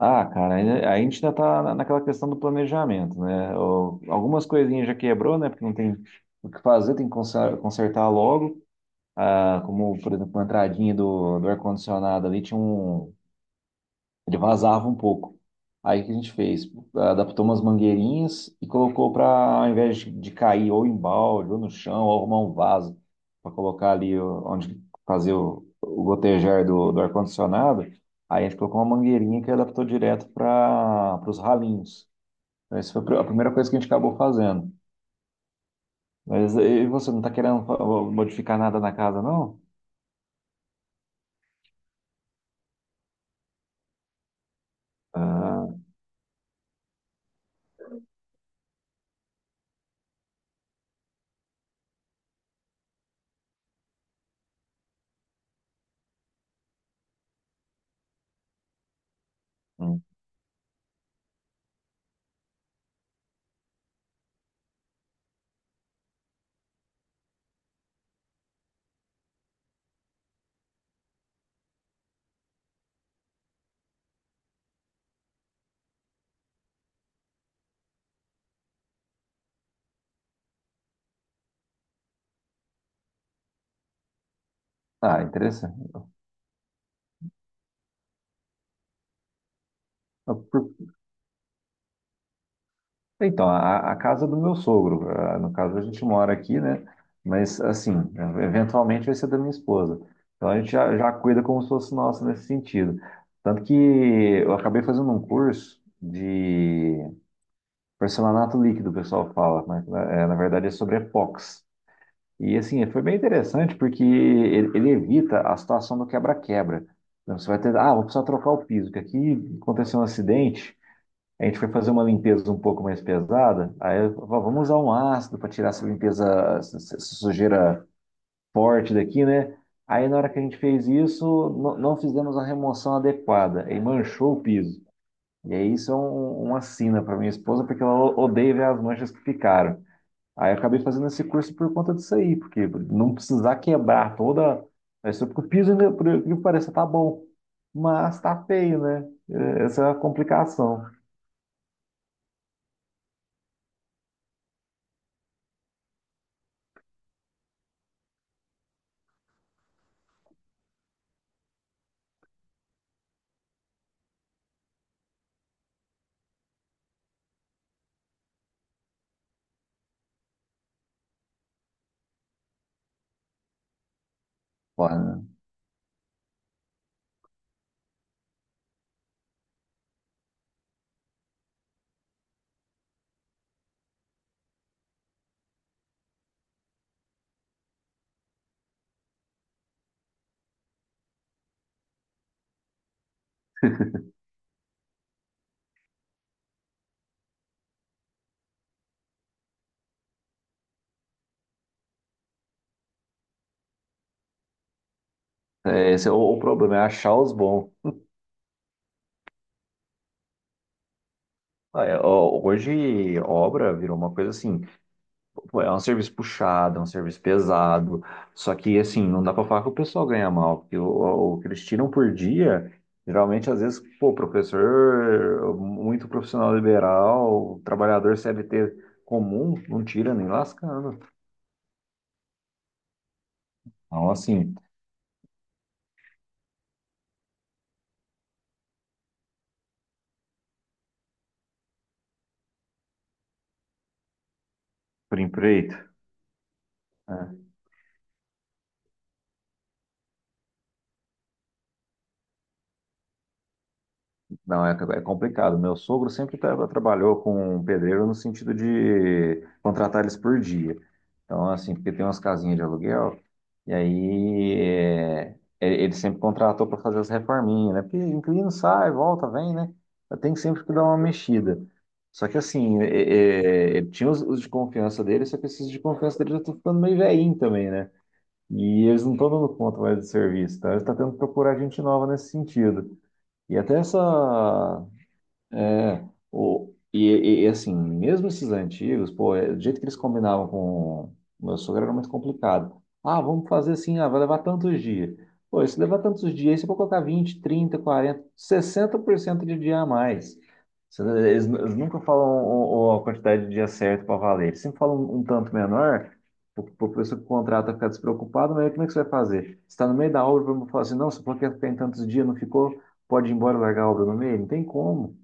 Ah, cara, aí a gente ainda tá naquela questão do planejamento, né? Algumas coisinhas já quebrou, né? Porque não tem o que fazer, tem que consertar logo. Ah, como, por exemplo, a entradinha do ar-condicionado ali tinha um, ele vazava um pouco. Aí o que a gente fez? Adaptou umas mangueirinhas e colocou para, ao invés de cair ou em balde, ou no chão, ou arrumar um vaso, para colocar ali onde fazer o gotejar do ar-condicionado, aí a gente colocou uma mangueirinha que adaptou direto para os ralinhos. Então, essa foi a a primeira coisa que a gente acabou fazendo. Mas e você não está querendo modificar nada na casa, não? Ah, hum. Ah, interessante. Então, a casa do meu sogro, ah, no caso a gente mora aqui, né? Mas assim, eventualmente vai ser da minha esposa. Então a gente já cuida como se fosse nossa nesse sentido. Tanto que eu acabei fazendo um curso de porcelanato líquido, o pessoal fala, mas na, é, na verdade é sobre epox. E assim, foi bem interessante porque ele evita a situação do quebra-quebra. Então, você vai ter, ah, vou precisar trocar o piso, que aqui aconteceu um acidente. A gente foi fazer uma limpeza um pouco mais pesada, aí eu falei, vamos usar um ácido para tirar essa limpeza, essa sujeira forte daqui, né? Aí na hora que a gente fez isso, não fizemos a remoção adequada e manchou o piso. E aí isso é uma sina para minha esposa, porque ela odeia ver as manchas que ficaram. Aí eu acabei fazendo esse curso por conta disso aí, porque não precisar quebrar toda a estrutura, porque o piso, ainda, por incrível que pareça, tá bom, mas tá feio, né? É, essa é a complicação. Pô, é, esse é o problema, é achar os bons. Ah, é, ó, hoje, obra virou uma coisa assim, pô, é um serviço puxado, é um serviço pesado, só que, assim, não dá pra falar que o pessoal ganha mal, porque o que eles tiram por dia, geralmente, às vezes, pô, professor, muito profissional liberal, trabalhador CLT comum, não tira nem lascando. Então, assim, por empreito. É. Não, é, é complicado. Meu sogro sempre trabalhou com um pedreiro no sentido de contratar eles por dia. Então, assim, porque tem umas casinhas de aluguel, e aí é, é- ele sempre contratou para fazer as reforminhas, né? Porque inquilino sai, volta, vem, né? Tem sempre que dar uma mexida. Só que, assim, é- é, ele tinha os de confiança dele, só que esses de confiança dele já estão ficando meio velhinho também, né? E eles não estão dando conta mais do serviço, então ele está tendo que procurar gente nova nesse sentido. E até essa, é, o, e assim, mesmo esses antigos, pô, é, do jeito que eles combinavam com o meu sogro era muito complicado. Ah, vamos fazer assim, ah, vai levar tantos dias. Pô, e se levar tantos dias, você pode colocar vinte trinta quarenta sessenta por cento de dia a mais. Eles, eles nunca falam a quantidade de dia certo para valer. Eles sempre falam um tanto menor, para o professor que contrata ficar despreocupado, mas aí como é que você vai fazer? Você está no meio da obra, vamos falar assim, não, você falou que ia ficar em tantos dias, não ficou, pode ir embora e largar a obra no meio? Não tem como.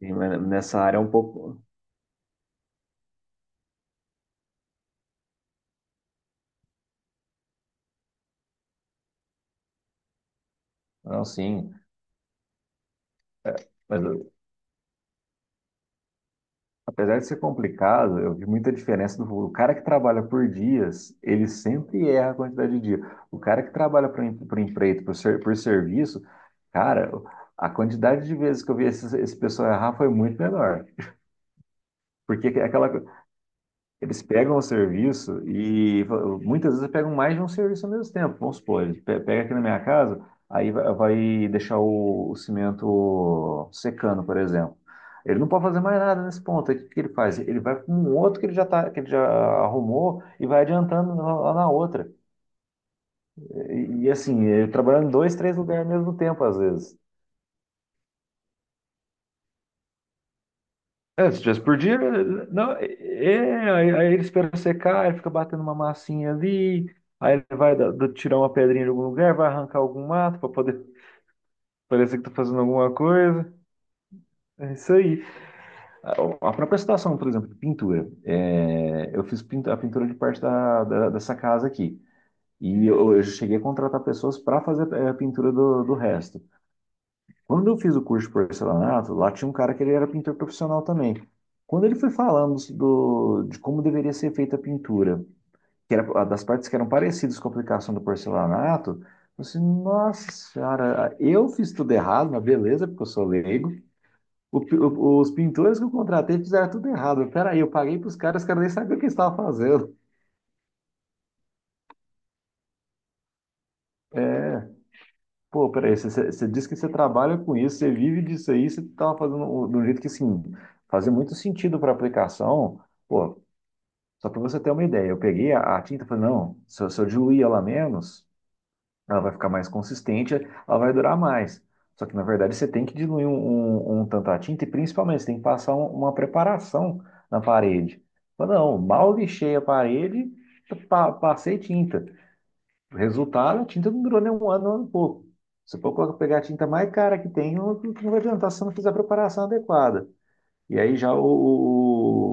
Sim, mas nessa área é um pouco. Não, sim. É, mas eu- apesar de ser complicado, eu vi muita diferença do o cara que trabalha por dias, ele sempre erra a quantidade de dia. O cara que trabalha por empreito, por serviço, cara, a quantidade de vezes que eu vi esse pessoal errar foi muito menor. Porque é aquela, eles pegam o serviço e muitas vezes pegam mais de um serviço ao mesmo tempo. Vamos supor, ele pega aqui na minha casa, aí vai deixar o cimento secando, por exemplo. Ele não pode fazer mais nada nesse ponto. Aí o que que ele faz? Ele vai com um outro que ele já tá, que ele já arrumou e vai adiantando lá na outra. E assim, ele trabalhando em dois, três lugares ao mesmo tempo, às vezes. É, se tivesse por dia, não, é, é, aí ele espera secar, ele fica batendo uma massinha ali, aí ele vai tirar uma pedrinha de algum lugar, vai arrancar algum mato para poder parecer que tá fazendo alguma coisa. É isso aí. A, a própria situação, por exemplo, de pintura. É, eu fiz a pintura de parte da dessa casa aqui. E eu cheguei a contratar pessoas para fazer eh, a pintura do resto. Quando eu fiz o curso de porcelanato, lá tinha um cara que ele era pintor profissional também. Quando ele foi falando de como deveria ser feita a pintura, que era das partes que eram parecidas com a aplicação do porcelanato, eu falei assim, nossa senhora, eu fiz tudo errado, mas beleza, porque eu sou leigo. Os pintores que eu contratei fizeram tudo errado. Peraí, eu paguei para os caras nem sabiam o que eles estavam fazendo. É. Pô, peraí, você disse que você trabalha com isso, você vive disso aí, você estava fazendo de um jeito que, assim, fazia muito sentido para a aplicação. Pô, só para você ter uma ideia, eu peguei a tinta e falei, não, se eu diluir ela menos, ela vai ficar mais consistente, ela vai durar mais. Só que, na verdade, você tem que diluir um tanto a tinta e, principalmente, você tem que passar uma preparação na parede. Eu falei, não, mal lixei a parede, passei tinta. Resultado, a tinta não durou nem um ano, um ano e pouco. Você pode pegar a tinta mais cara que tem, não vai adiantar se você não fizer a preparação adequada. E aí já o-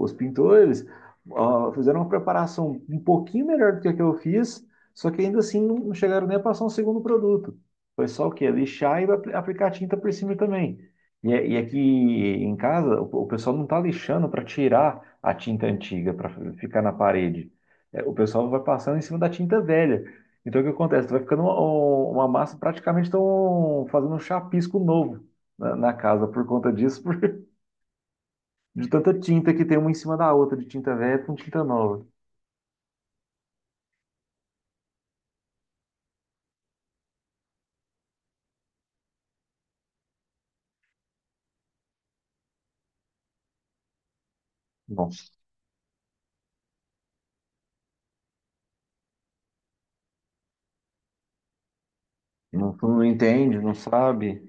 o- os pintores ó, fizeram uma preparação um pouquinho melhor do que a que eu fiz, só que ainda assim não chegaram nem a passar um segundo produto. Foi só o quê? Lixar e aplicar tinta por cima também. E, e aqui em casa, o pessoal não está lixando para tirar a tinta antiga, para ficar na parede. É, o pessoal vai passando em cima da tinta velha. Então o que acontece? Vai ficando uma massa, praticamente estão fazendo um chapisco novo na casa por conta disso, de tanta tinta que tem uma em cima da outra, de tinta velha com tinta nova. Bom, não, tu não entende, não sabe,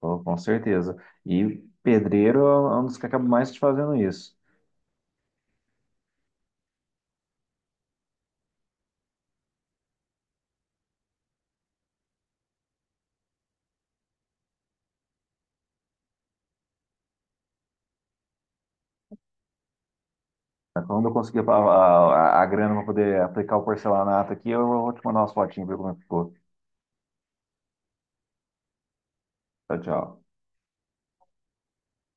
pô, com certeza. E pedreiro é um dos que acaba mais te fazendo isso. Quando eu conseguir a grana para poder aplicar o porcelanato aqui, eu vou te mandar umas fotinhas para ver como é que ficou. Tchau, tchau.